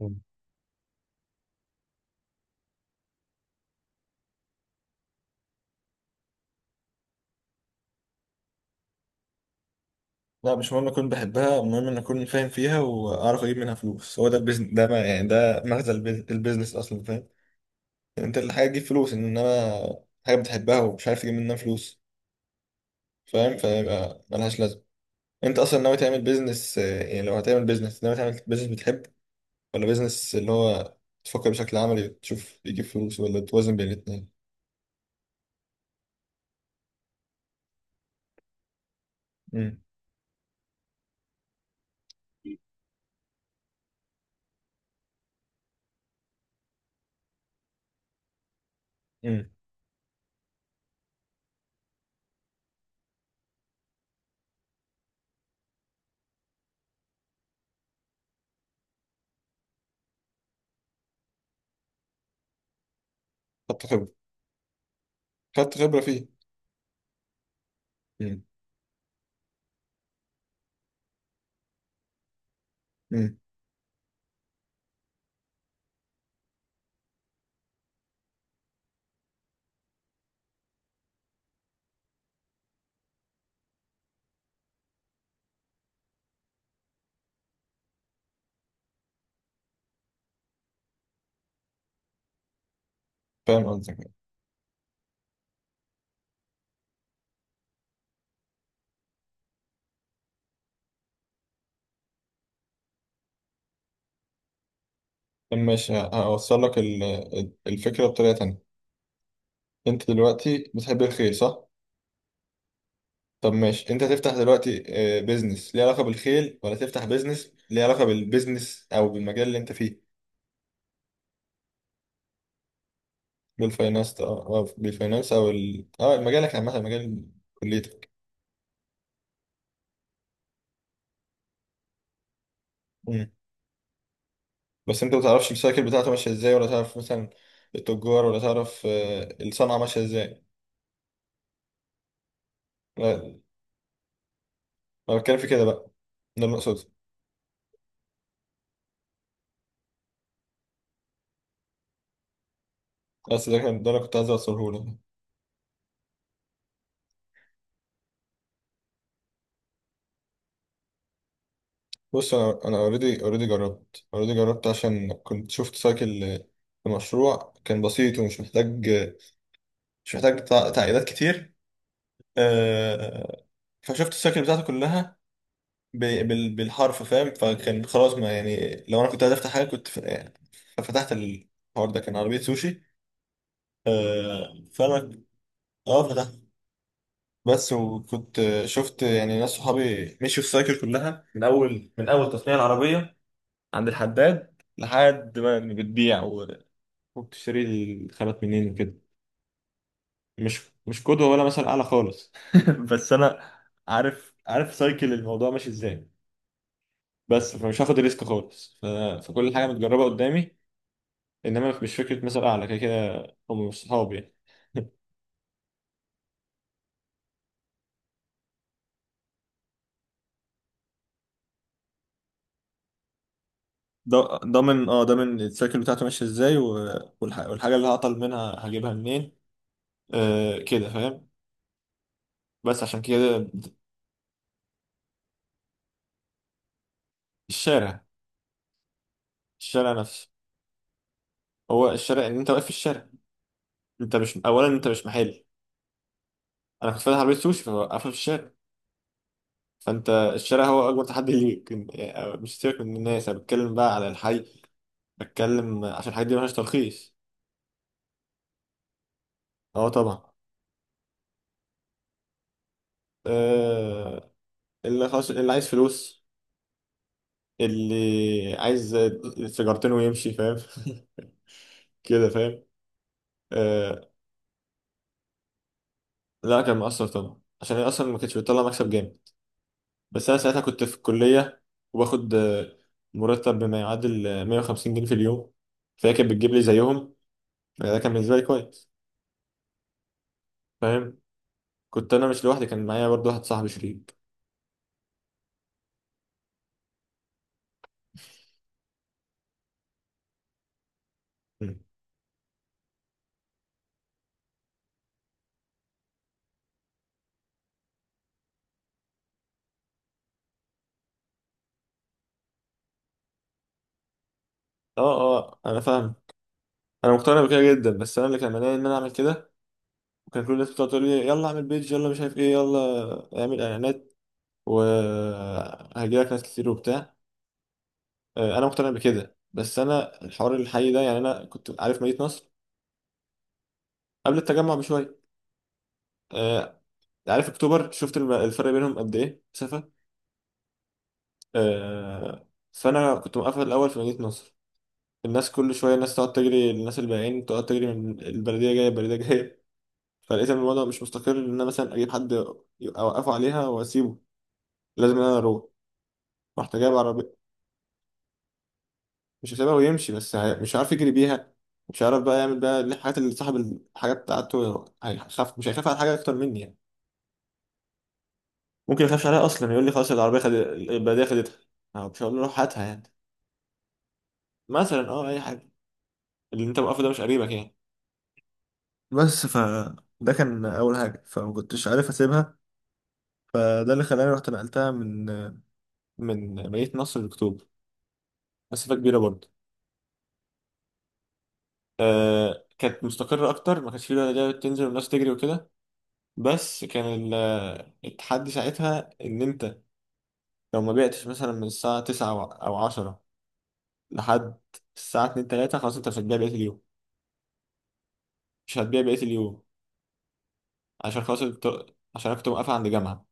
مم. لا، مش مهم اكون بحبها، المهم ان اكون فاهم فيها واعرف اجيب منها فلوس. هو ده البيزنس، ده ما يعني ده مغزى البيزنس اصلا، فاهم؟ يعني انت الحاجه تجيب فلوس، انما حاجه بتحبها ومش عارف تجيب منها فلوس، فاهم؟ فيبقى ملهاش لازمه. انت اصلا ناوي تعمل بيزنس؟ يعني لو هتعمل بيزنس، ناوي تعمل بيزنس بتحب، ولا بيزنس اللي هو تفكر بشكل عملي تشوف يجيب فلوس، ولا توازن بين الاثنين؟ امم. امم. خدت خبره. خدت خبره فيه. امم. امم. فاهم قصدك. طب ماشي، هوصل لك الفكره بطريقه تانيه. انت دلوقتي بتحب الخيل، صح؟ طب ماشي، انت تفتح دلوقتي بيزنس ليه علاقة بالخيل، ولا تفتح بيزنس ليه علاقة بالبيزنس او بالمجال اللي انت فيه؟ بالفاينانس، او بالفاينانس، او ال... اه مجالك عامة، مجال كليتك. مم. بس انت ما تعرفش السايكل بتاعته ماشية ازاي، ولا تعرف مثلا التجار، ولا تعرف الصنعة ماشية ازاي. لا، انا بتكلم في كده بقى، ده اللي اقصده. بس ده كان ده اللي كنت عايز اوصله لك. بص، انا اوريدي جربت عشان كنت شفت سايكل في مشروع كان بسيط ومش محتاج مش محتاج تعقيدات كتير. آه، فشفت السايكل بتاعته كلها بالحرف، فاهم؟ فكان خلاص، ما يعني لو انا كنت عايز افتح حاجه كنت ففتحت. الحوار ده كان عربيه سوشي. فانا اه فتحت. بس وكنت شفت يعني ناس صحابي مشوا السايكل كلها من اول تصنيع العربيه عند الحداد، لحد ما بتبيع وبتشتري الخامات منين وكده. مش مش قدوة ولا مثل أعلى خالص بس أنا عارف سايكل الموضوع ماشي إزاي، بس فمش هاخد ريسك خالص فكل حاجة متجربة قدامي، إنما مش فكرة مثل أعلى، كده كده هم صحابي يعني. ضامن السايكل بتاعته ماشية إزاي والحاجة اللي هعطل منها هجيبها منين. آه، كده فاهم. بس عشان كده. الشارع الشارع نفسه. هو الشارع ان انت واقف في الشارع، انت مش، اولا انت مش محل. انا كنت فاتح عربيه سوشي، فواقفه في الشارع. فانت الشارع هو اكبر تحدي ليك، يعني مش سيبك من الناس، انا بتكلم بقى على الحي، بتكلم عشان الحاجات دي ملهاش ترخيص. اه طبعا. آه اللي خلاص، اللي عايز فلوس، اللي عايز سيجارتين ويمشي، فاهم؟ كده فاهم. آه لا، كان مأثر طبعا عشان هي اصلا ما كانتش بتطلع مكسب جامد. بس انا ساعتها كنت في الكليه، وباخد مرتب بما يعادل 150 جنيه في اليوم، فهي كانت بتجيب لي زيهم. يعني ده كان بالنسبه لي كويس، فاهم. كنت انا مش لوحدي، كان معايا برضو واحد صاحبي شريك. م. اه، اه، انا فاهم. انا مقتنع بكده جدا، بس انا اللي كان مانعني ان انا اعمل كده، وكان كل الناس بتقعد تقول لي يلا اعمل بيج، يلا مش عارف ايه، يلا اعمل اعلانات وهجيلك ناس كتير وبتاع. انا مقتنع بكده، بس انا الحوار الحقيقي ده يعني، انا كنت عارف مدينه نصر قبل التجمع بشويه. آه، عارف اكتوبر، شفت الفرق بينهم قد ايه مسافه. آه، فانا كنت مقفل الاول في مدينه نصر، الناس كل شويه، الناس تقعد تجري، الناس البائعين تقعد تجري من البلديه، جايه البلديه جايه. فلقيت ان الوضع مش مستقر ان انا مثلا اجيب حد اوقفه عليها واسيبه، لازم انا اروح. رحت جايب عربيه، مش هسيبها ويمشي، بس مش عارف يجري بيها، مش عارف بقى يعمل بقى الحاجات. اللي صاحب الحاجه بتاعته، هيخاف، مش هيخاف على حاجه اكتر مني يعني. ممكن يخافش عليها اصلا، يقول لي خلاص العربيه خد، البلديه خدتها. أنا مش هقول له روح هاتها يعني، مثلا، اي حاجه. اللي انت موقفه ده مش قريبك يعني. بس ده كان اول حاجه، فما كنتش عارف اسيبها، فده اللي خلاني رحت نقلتها من مدينة نصر لأكتوبر. مسافة كبيرة برضه. آه كانت مستقرة أكتر، ما كانش فيه بقى ده، تنزل والناس تجري وكده، بس كان التحدي ساعتها إن أنت لو ما بعتش مثلا من الساعة تسعة أو عشرة لحد الساعة اتنين تلاتة، خلاص أنت مش هتبيع بقية اليوم. مش هتبيع بقية اليوم. عشان أنا كنت موقفة عند جامعة.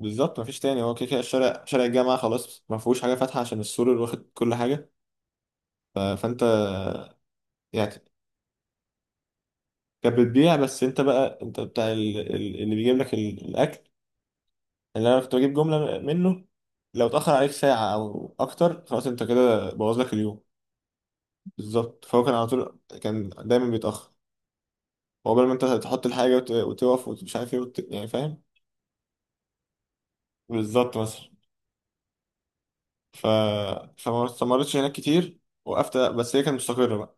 بالظبط، مفيش تاني، هو كده كده الشارع، شارع الجامعة خلاص ما فيهوش حاجة فاتحة عشان السور اللي واخد كل حاجة. فأنت، يعني كانت بتبيع، بس انت بقى، انت بتاع اللي بيجيب لك الاكل، اللي انا كنت بجيب جمله منه، لو اتاخر عليك ساعه او اكتر خلاص انت كده بوظ لك اليوم. بالظبط. فهو كان على طول كان دايما بيتاخر، وقبل ما انت تحط الحاجه وتقف، ومش عارف ايه يعني فاهم. بالظبط، مثلا. ف فما استمرتش هناك كتير. وقفت، بس هي كانت مستقره بقى.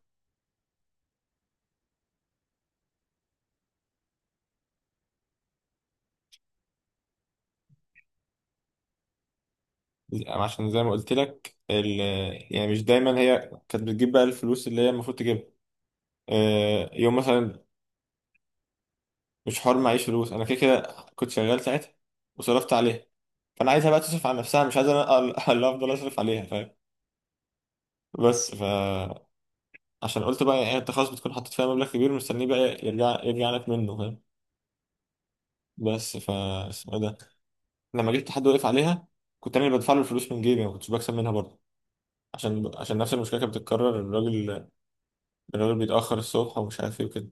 عشان زي ما قلت لك يعني مش دايما هي كانت بتجيب بقى الفلوس اللي هي المفروض تجيبها، يوم مثلا. مش حوار معيش فلوس، انا كده كده كنت شغال ساعتها، وصرفت عليها. فانا عايزها بقى تصرف على نفسها، مش عايز انا اللي افضل اصرف عليها، فاهم. بس عشان قلت بقى يعني انت خلاص بتكون حاطط فيها مبلغ كبير، مستنيه بقى يرجع لك منه، فاهم. بس اسمه إيه ده، لما جبت حد وقف عليها، كنت انا اللي بدفع له الفلوس من جيبي، ما كنتش بكسب منها برضه. عشان نفس المشكله كانت بتتكرر. الراجل بيتاخر الصبح ومش عارف ايه وكده.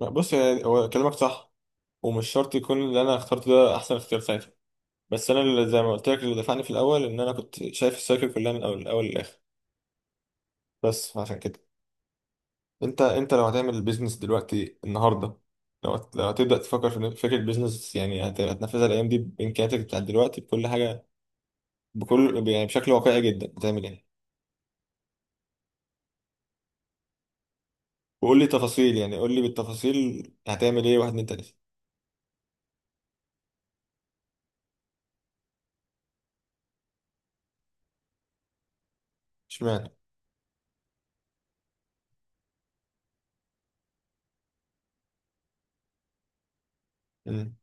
لا، بص هو كلامك صح، ومش شرط يكون اللي انا اخترته ده احسن اختيار ساعتها، بس انا اللي زي ما قلت لك اللي دفعني في الاول ان انا كنت شايف السايكل كلها من اول الاول للاخر. بس عشان كده. انت لو هتعمل بيزنس دلوقتي النهارده، لو هتبدا تفكر في فكره بيزنس، يعني هتنفذها الايام دي بامكانياتك بتاعت دلوقتي بكل حاجه، يعني بشكل واقعي جدا هتعمل ايه؟ وقول لي تفاصيل، يعني قول لي بالتفاصيل هتعمل ايه، واحد اتنين تلاته. اشمعنى. مم.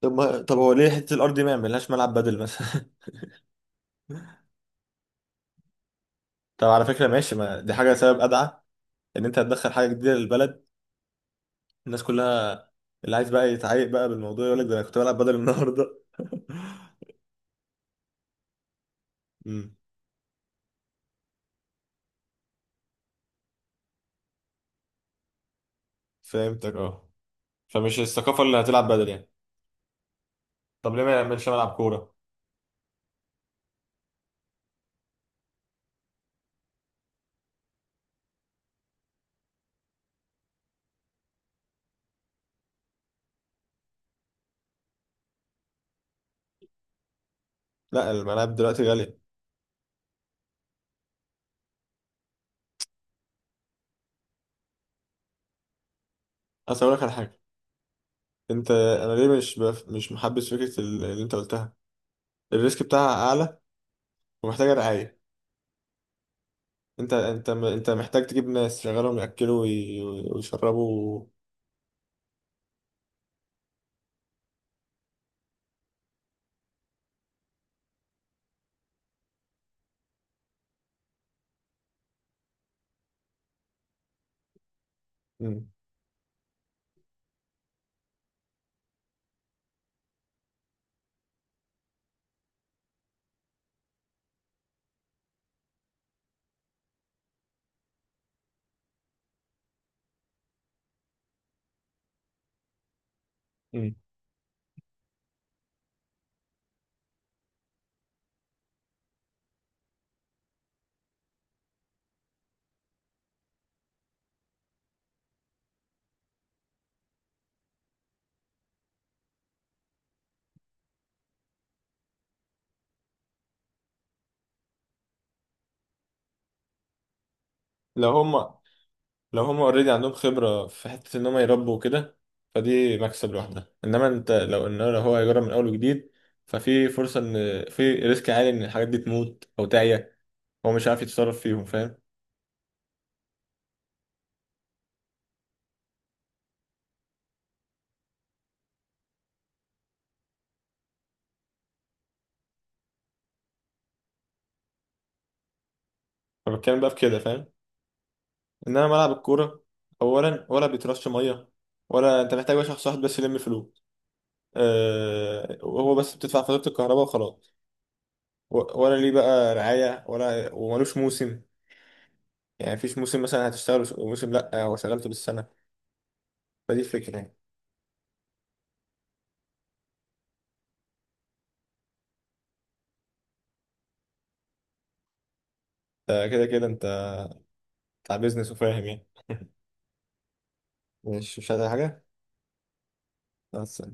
طب ما طب هو ليه حته الارض دي ما يعملهاش ملعب بدل مثلا؟ طب على فكره ماشي، ما دي حاجه، سبب ادعى ان انت هتدخل حاجه جديده للبلد. الناس كلها، اللي عايز بقى يتعايق بقى بالموضوع، يقول لك ده انا كنت بلعب بدل النهارده. امم. فهمتك، اه. فمش الثقافه اللي هتلعب بدل يعني. طب ليه ما يعملش ملعب كوره؟ لا، الملاعب دلوقتي غاليه. اصل اقول لك على حاجه، انا ليه مش محبس فكره اللي انت قلتها. الريسك بتاعها اعلى، ومحتاجه رعايه. انت محتاج تجيب ناس شغالهم ياكلوا ويشربوا. امم. امم. لو هم لو هم اوريدي عندهم خبرة في حتة ان هم يربوا وكده، فدي مكسب لوحدها، انما انت لو هو هيجرب من اول وجديد، ففي فرصة ان في ريسك عالي ان الحاجات دي تموت او تعيا، هو مش عارف يتصرف فيهم، فاهم. فبتكلم بقى في كده، فاهم. انما ملعب الكورة، اولا ولا بيترش مية، ولا انت محتاج بقى شخص واحد بس يلم فلوس، وهو بس بتدفع فاتورة الكهرباء وخلاص. ولا ليه بقى رعاية، ولا وملوش موسم، يعني مفيش موسم مثلا هتشتغل موسم، لا، هو شغلته بالسنة. فدي الفكرة يعني. كده كده انت بتاع بيزنس وفاهم يعني. مش عايز أي حاجة بس